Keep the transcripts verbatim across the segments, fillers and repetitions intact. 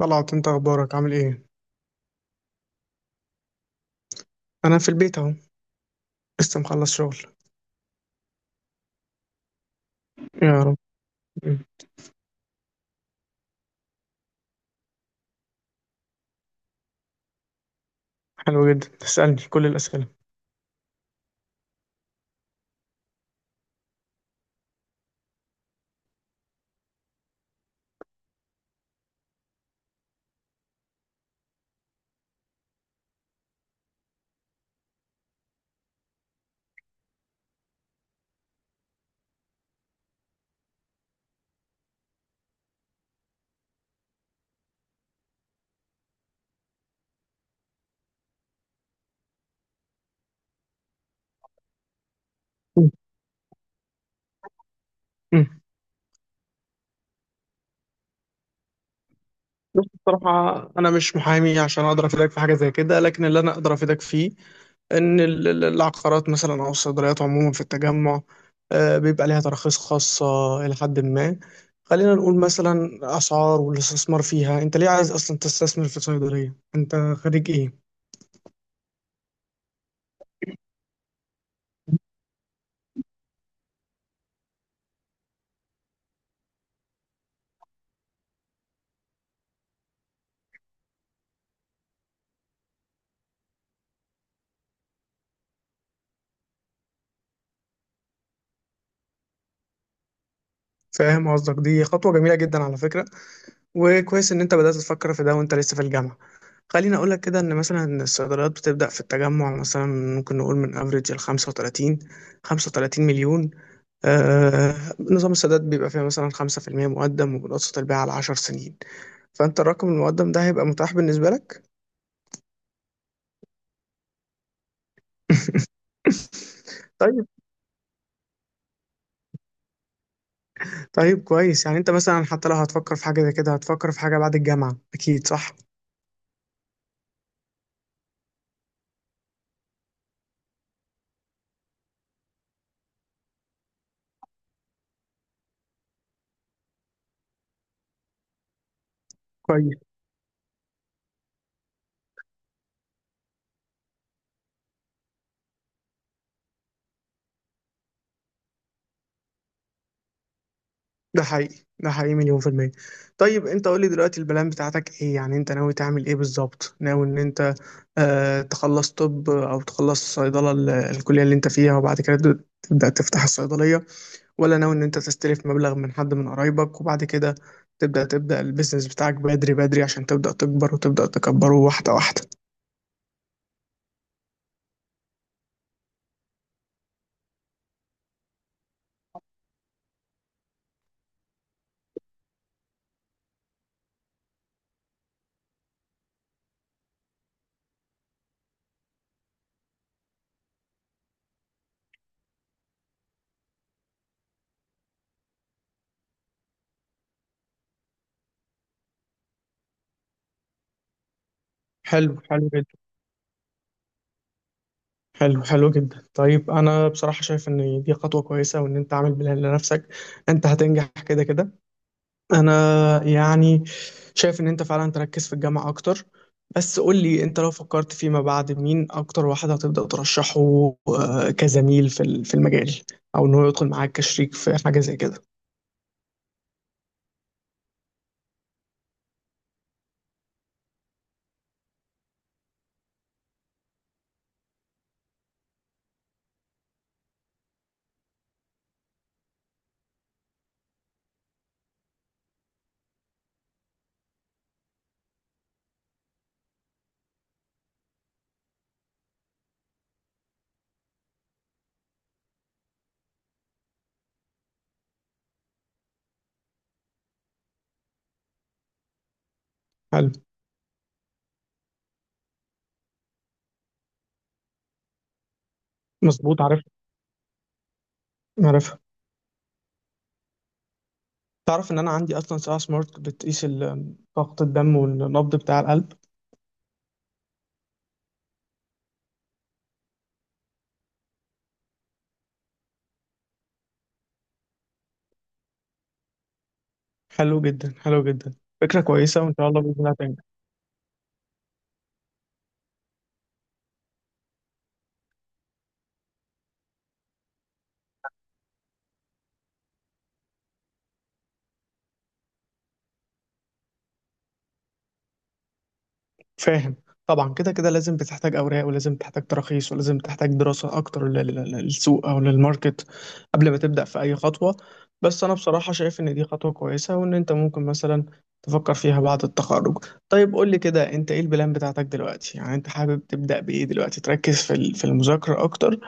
طلعت انت، اخبارك، عامل ايه؟ انا في البيت اهو. لسه مخلص شغل. يا رب. مم. حلو جدا تسألني كل الاسئله. مم. مم. بص، بصراحة أنا مش محامي عشان أقدر أفيدك في حاجة زي كده، لكن اللي أنا أقدر أفيدك فيه إن ال- ال- العقارات مثلا أو الصيدليات عموما في التجمع آه، بيبقى ليها تراخيص خاصة إلى حد ما. خلينا نقول مثلا أسعار والاستثمار فيها. أنت ليه عايز أصلا تستثمر في صيدلية؟ أنت خريج إيه؟ فاهم قصدك، دي خطوة جميلة جدا على فكرة، وكويس ان انت بدأت تفكر في ده وانت لسه في الجامعة. خليني اقول لك كده، ان مثلا الصيدليات بتبدأ في التجمع مثلا ممكن نقول من افريج ال خمسة وثلاثين، 35 مليون. آه. نظام السداد بيبقى فيها مثلا خمسة في المية مقدم، وبنقسط البيع على 10 سنين، فانت الرقم المقدم ده هيبقى متاح بالنسبة لك؟ طيب. طيب كويس، يعني انت مثلا حتى لو هتفكر في حاجة زي كده هتفكر في حاجة بعد الجامعة اكيد، صح؟ كويس. ده حقيقي، ده حقيقي مليون في المية. طيب انت قول لي دلوقتي البلان بتاعتك ايه؟ يعني انت ناوي تعمل ايه بالظبط؟ ناوي ان انت آه تخلص طب او تخلص صيدلة ال- الكلية اللي انت فيها وبعد كده تبدأ تبدأ تفتح الصيدلية، ولا ناوي ان انت تستلف مبلغ من حد من قرايبك وبعد كده تبدأ تبدأ البيزنس بتاعك بدري بدري عشان تبدأ تكبر وتبدأ تكبره واحدة واحدة؟ حلو، حلو جدا. حلو حلو جدا. طيب انا بصراحة شايف ان دي خطوة كويسة وان انت عامل بلان لنفسك. انت هتنجح كده كده. انا يعني شايف ان انت فعلا تركز في الجامعة اكتر. بس قول لي، انت لو فكرت فيما بعد مين اكتر واحد هتبدأ ترشحه آه، كزميل في ال- في المجال، او ان هو يدخل معاك كشريك في حاجة زي كده؟ حلو. مظبوط، عارف. عارف. تعرف ان انا عندي اصلا ساعة سمارت بتقيس ال- ضغط الدم والنبض بتاع القلب. حلو جدا، حلو جدا. فكرة كويسة وان شاء الله بإذن الله هتنجح. فاهم. طبعا كده كده لازم بتحتاج اوراق ولازم تحتاج تراخيص ولازم تحتاج دراسه اكتر لل- لل- للسوق او للماركت قبل ما تبدا في اي خطوه، بس انا بصراحه شايف ان دي خطوه كويسه وان انت ممكن مثلا تفكر فيها بعد التخرج. طيب قول لي كده، انت ايه البلان بتاعتك دلوقتي؟ يعني انت حابب تبدا بايه دلوقتي؟ تركز في ال- في المذاكره اكتر،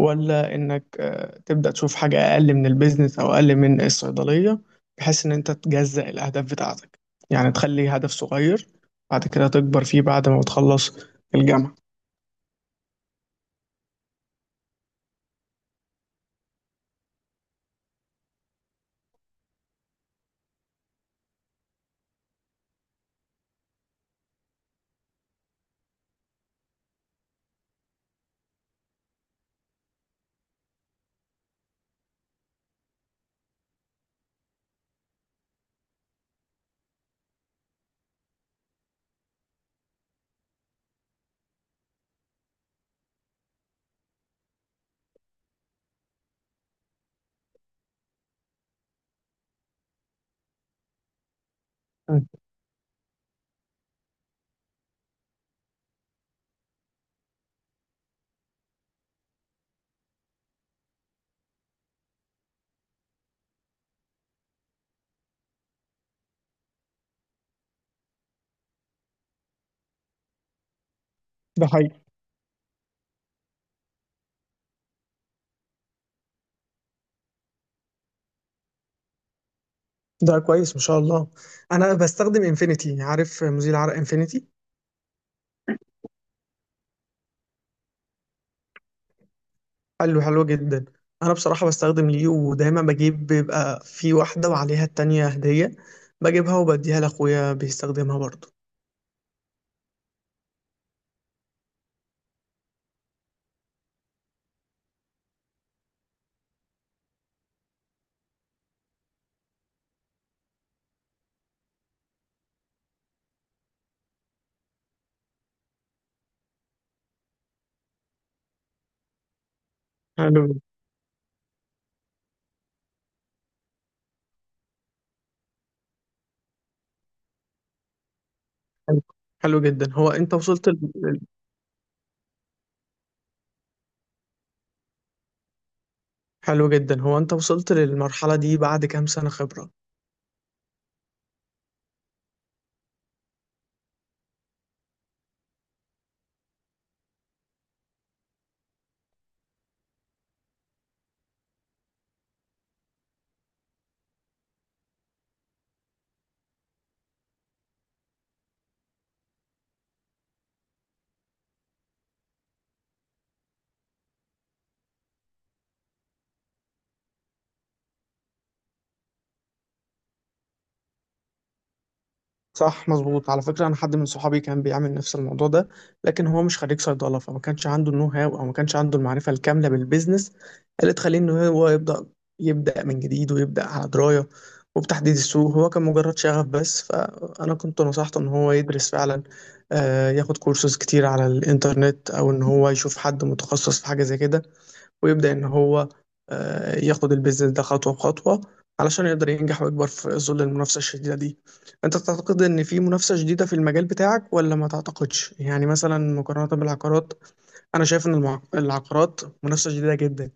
ولا انك آه، تبدأ تشوف حاجة اقل من البيزنس او اقل من الصيدلية، بحيث ان انت تجزأ الاهداف بتاعتك؟ يعني تخلي هدف صغير بعد كده تكبر فيه بعد ما تخلص الجامعة. مم. ده حقيقي. ده كويس، ما شاء الله. انا بستخدم انفينيتي، عارف مزيل عرق انفينيتي؟ حلو، حلو جدا. انا بصراحه بستخدم ليو، ودايما بجيب بيبقى في واحده وعليها التانية هديه، بجيبها وبديها لاخويا بيستخدمها برضه. حلو. حلو، حلو جدا. هو انت وصلت حلو جدا هو انت وصلت للمرحلة دي بعد كام سنة خبرة؟ صح، مظبوط، على فكرة انا حد من صحابي كان بيعمل نفس الموضوع ده، لكن هو مش خريج صيدلة فما كانش عنده النو هاو او ما كانش عنده المعرفة الكاملة بالبيزنس اللي تخليه ان هو يبدأ يبدأ من جديد ويبدأ على دراية وبتحديد السوق. هو كان مجرد شغف بس، فانا كنت نصحته ان هو يدرس فعلا، آه، ياخد كورسات كتير على الانترنت، او ان هو يشوف حد متخصص في حاجة زي كده، ويبدأ إن هو آه، ياخد البيزنس ده خطوة بخطوة علشان يقدر ينجح ويكبر في ظل المنافسة الشديدة دي. أنت تعتقد إن في منافسة شديدة في المجال بتاعك ولا ما تعتقدش؟ يعني مثلا مقارنة بالعقارات، أنا شايف إن المع- العقارات منافسة شديدة جدا.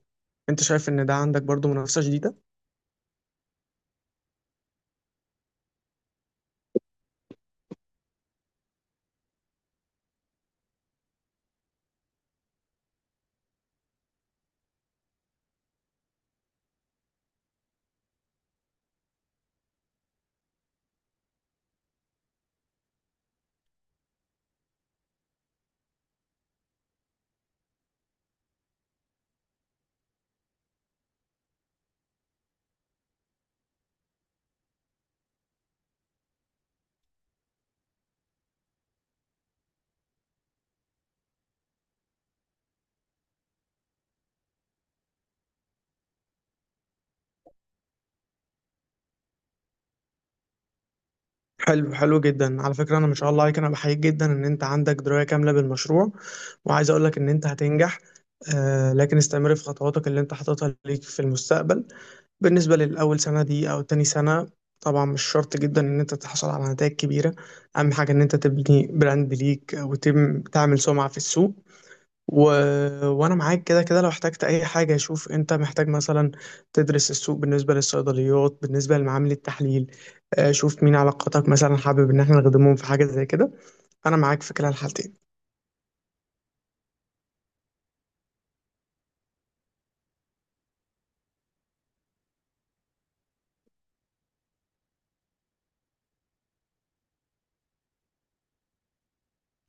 أنت شايف إن ده عندك برضو منافسة شديدة؟ حلو، حلو جدا، على فكرة. أنا ما شاء الله عليك، أنا بحييك جدا إن أنت عندك دراية كاملة بالمشروع وعايز أقولك إن أنت هتنجح، آه، لكن استمر في خطواتك اللي أنت حاططها ليك في المستقبل. بالنسبة للأول سنة دي أو تاني سنة طبعا مش شرط جدا إن أنت تحصل على نتائج كبيرة. أهم حاجة إن أنت تبني براند ليك وتعمل سمعة في السوق، و... وأنا معاك كده كده. لو احتجت أي حاجة شوف أنت محتاج مثلا تدرس السوق بالنسبة للصيدليات، بالنسبة لمعامل التحليل، آه، شوف مين علاقاتك مثلا حابب إن احنا نخدمهم في حاجة زي كده. أنا معاك في كلا الحالتين.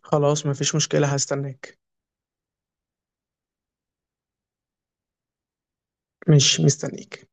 خلاص، مفيش مشكلة، هستناك. مش مستنيك.